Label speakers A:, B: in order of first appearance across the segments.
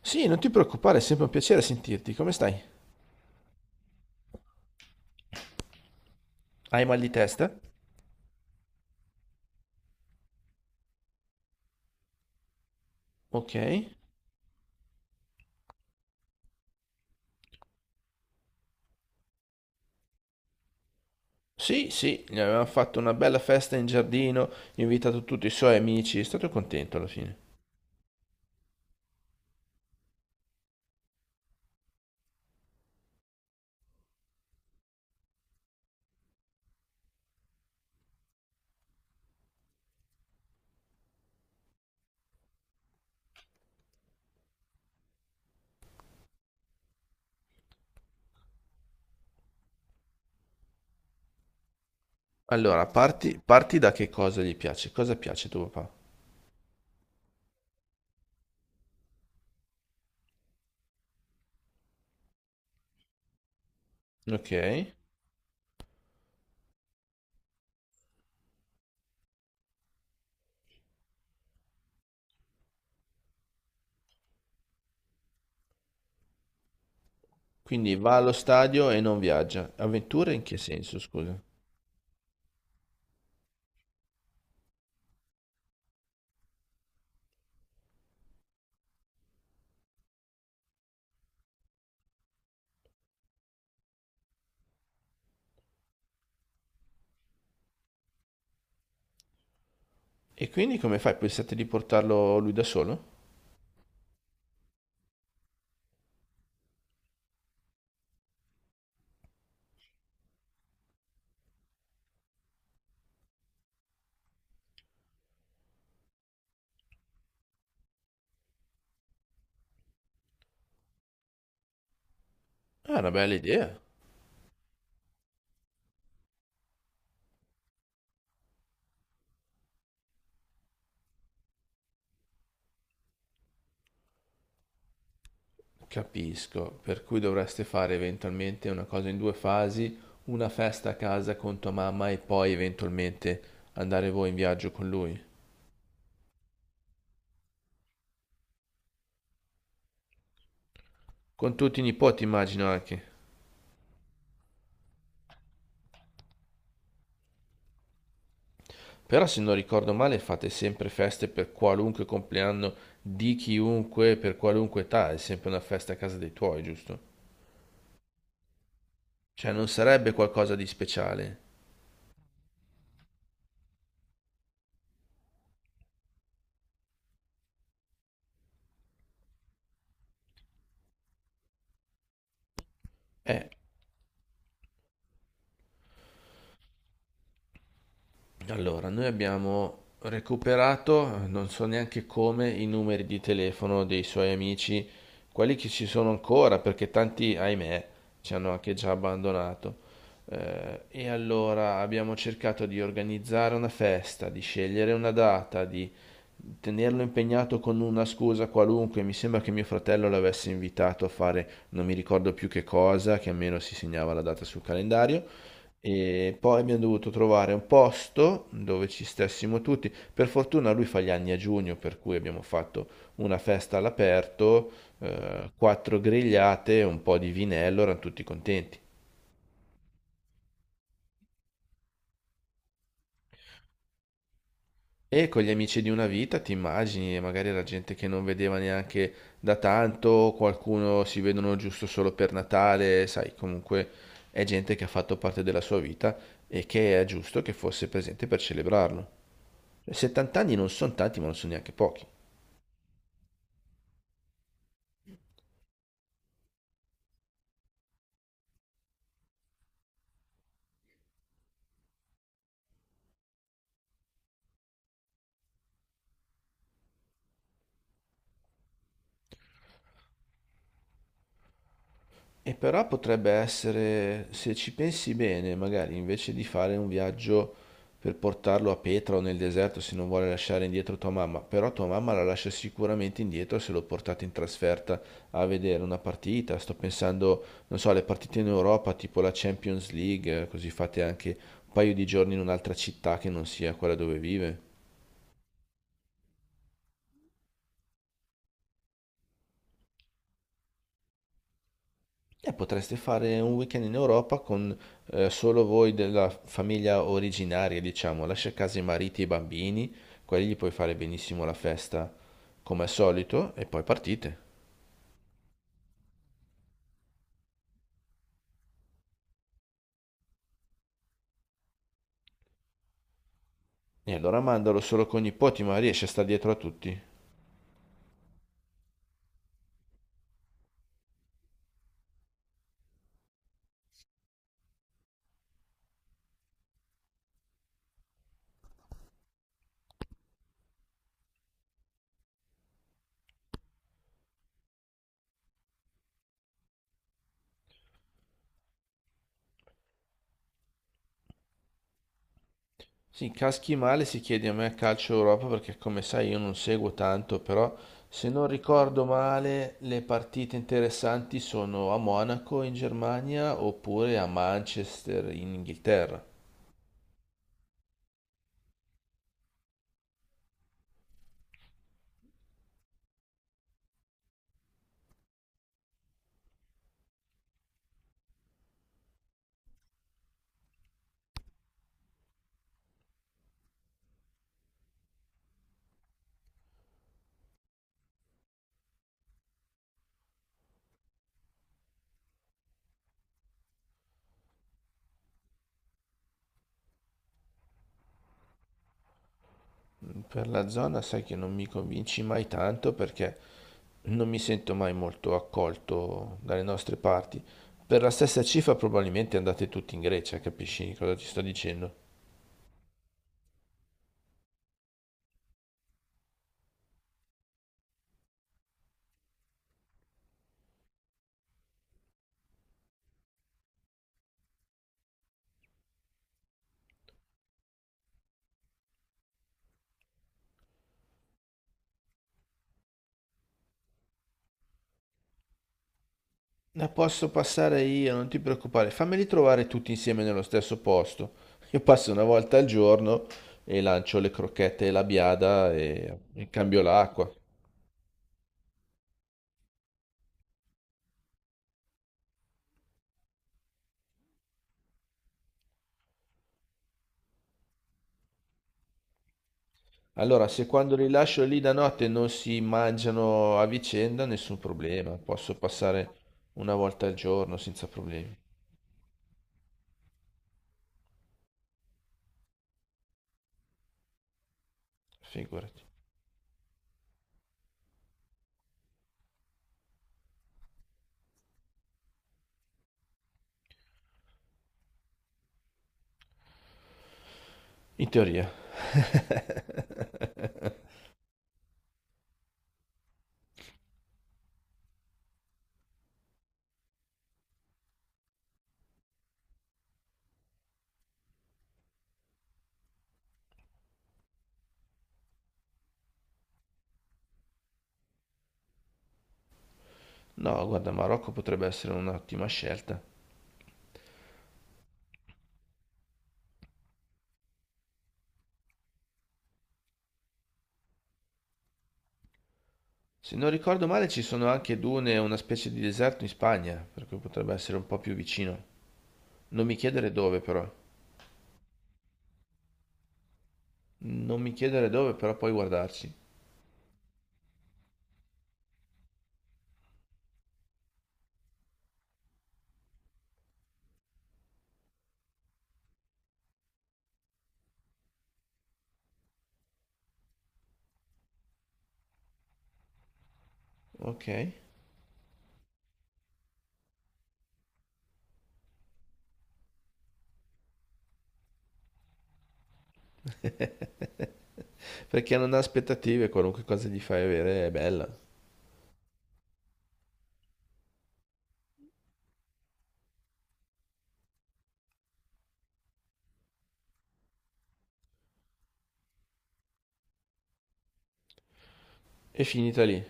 A: Sì, non ti preoccupare, è sempre un piacere sentirti. Come stai? Hai mal di testa? Ok. Sì, sì, gli avevamo fatto una bella festa in giardino, invitato tutti i suoi amici, è stato contento alla fine. Allora, parti da che cosa gli piace, cosa piace a tuo papà? Ok. Quindi va allo stadio e non viaggia. Avventure in che senso, scusa? E quindi come fai? Pensate di portarlo lui da solo? È una bella idea. Capisco, per cui dovreste fare eventualmente una cosa in due fasi, una festa a casa con tua mamma e poi eventualmente andare voi in viaggio con lui. Con tutti i nipoti immagino anche. Però se non ricordo male fate sempre feste per qualunque compleanno di chiunque, per qualunque età, è sempre una festa a casa dei tuoi, giusto? Cioè non sarebbe qualcosa di speciale. Eh, Allora, noi abbiamo recuperato, non so neanche come, i numeri di telefono dei suoi amici, quelli che ci sono ancora, perché tanti, ahimè, ci hanno anche già abbandonato. E allora abbiamo cercato di organizzare una festa, di scegliere una data, di tenerlo impegnato con una scusa qualunque. Mi sembra che mio fratello l'avesse invitato a fare non mi ricordo più che cosa, che almeno si segnava la data sul calendario. E poi abbiamo dovuto trovare un posto dove ci stessimo tutti. Per fortuna lui fa gli anni a giugno, per cui abbiamo fatto una festa all'aperto, quattro grigliate, un po' di vinello, erano tutti contenti. E con gli amici di una vita, ti immagini, magari era gente che non vedeva neanche da tanto, qualcuno si vedono giusto solo per Natale, sai, comunque è gente che ha fatto parte della sua vita e che è giusto che fosse presente per celebrarlo. 70 anni non sono tanti, ma non sono neanche pochi. E però potrebbe essere, se ci pensi bene, magari invece di fare un viaggio per portarlo a Petra o nel deserto se non vuole lasciare indietro tua mamma, però tua mamma la lascia sicuramente indietro se lo portate in trasferta a vedere una partita. Sto pensando, non so, alle partite in Europa, tipo la Champions League, così fate anche un paio di giorni in un'altra città che non sia quella dove vive. E potreste fare un weekend in Europa con solo voi della famiglia originaria, diciamo. Lascia a casa i mariti e i bambini, quelli gli puoi fare benissimo la festa come al solito e poi partite. E allora mandalo solo con i nipoti, ma riesce a stare dietro a tutti. Sì, caschi male si chiede a me a calcio Europa perché come sai io non seguo tanto, però se non ricordo male le partite interessanti sono a Monaco in Germania oppure a Manchester in Inghilterra. Per la zona sai che non mi convinci mai tanto perché non mi sento mai molto accolto dalle nostre parti. Per la stessa cifra probabilmente andate tutti in Grecia, capisci cosa ti sto dicendo? La posso passare io, non ti preoccupare, fammeli trovare tutti insieme nello stesso posto. Io passo una volta al giorno e lancio le crocchette e la biada e cambio l'acqua. Allora, se quando li lascio lì da notte non si mangiano a vicenda, nessun problema. Posso passare una volta al giorno senza problemi. Figurati. In teoria. No, guarda, Marocco potrebbe essere un'ottima scelta. Se non ricordo male, ci sono anche dune, e una specie di deserto in Spagna, per cui potrebbe essere un po' più vicino. Non mi chiedere dove, però. Non mi chiedere dove, però puoi guardarci. Ok? Perché non ha aspettative, qualunque cosa gli fai avere è bella. È finita lì.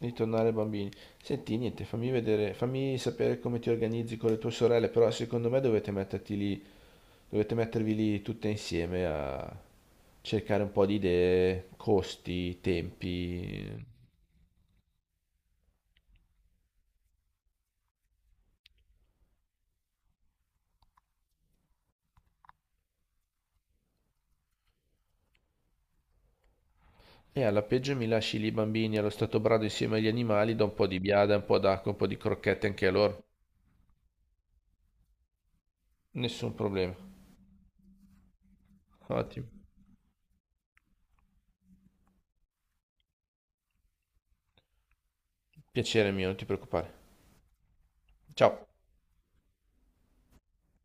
A: Ritornare bambini. Senti, niente, fammi vedere, fammi sapere come ti organizzi con le tue sorelle, però secondo me dovete metterti lì, dovete mettervi lì tutte insieme a cercare un po' di idee, costi, tempi. E alla peggio mi lasci lì i bambini allo stato brado insieme agli animali, do un po' di biada, un po' d'acqua, un po' di crocchette anche a loro. Nessun problema. Ottimo. Piacere mio, non ti preoccupare. Ciao.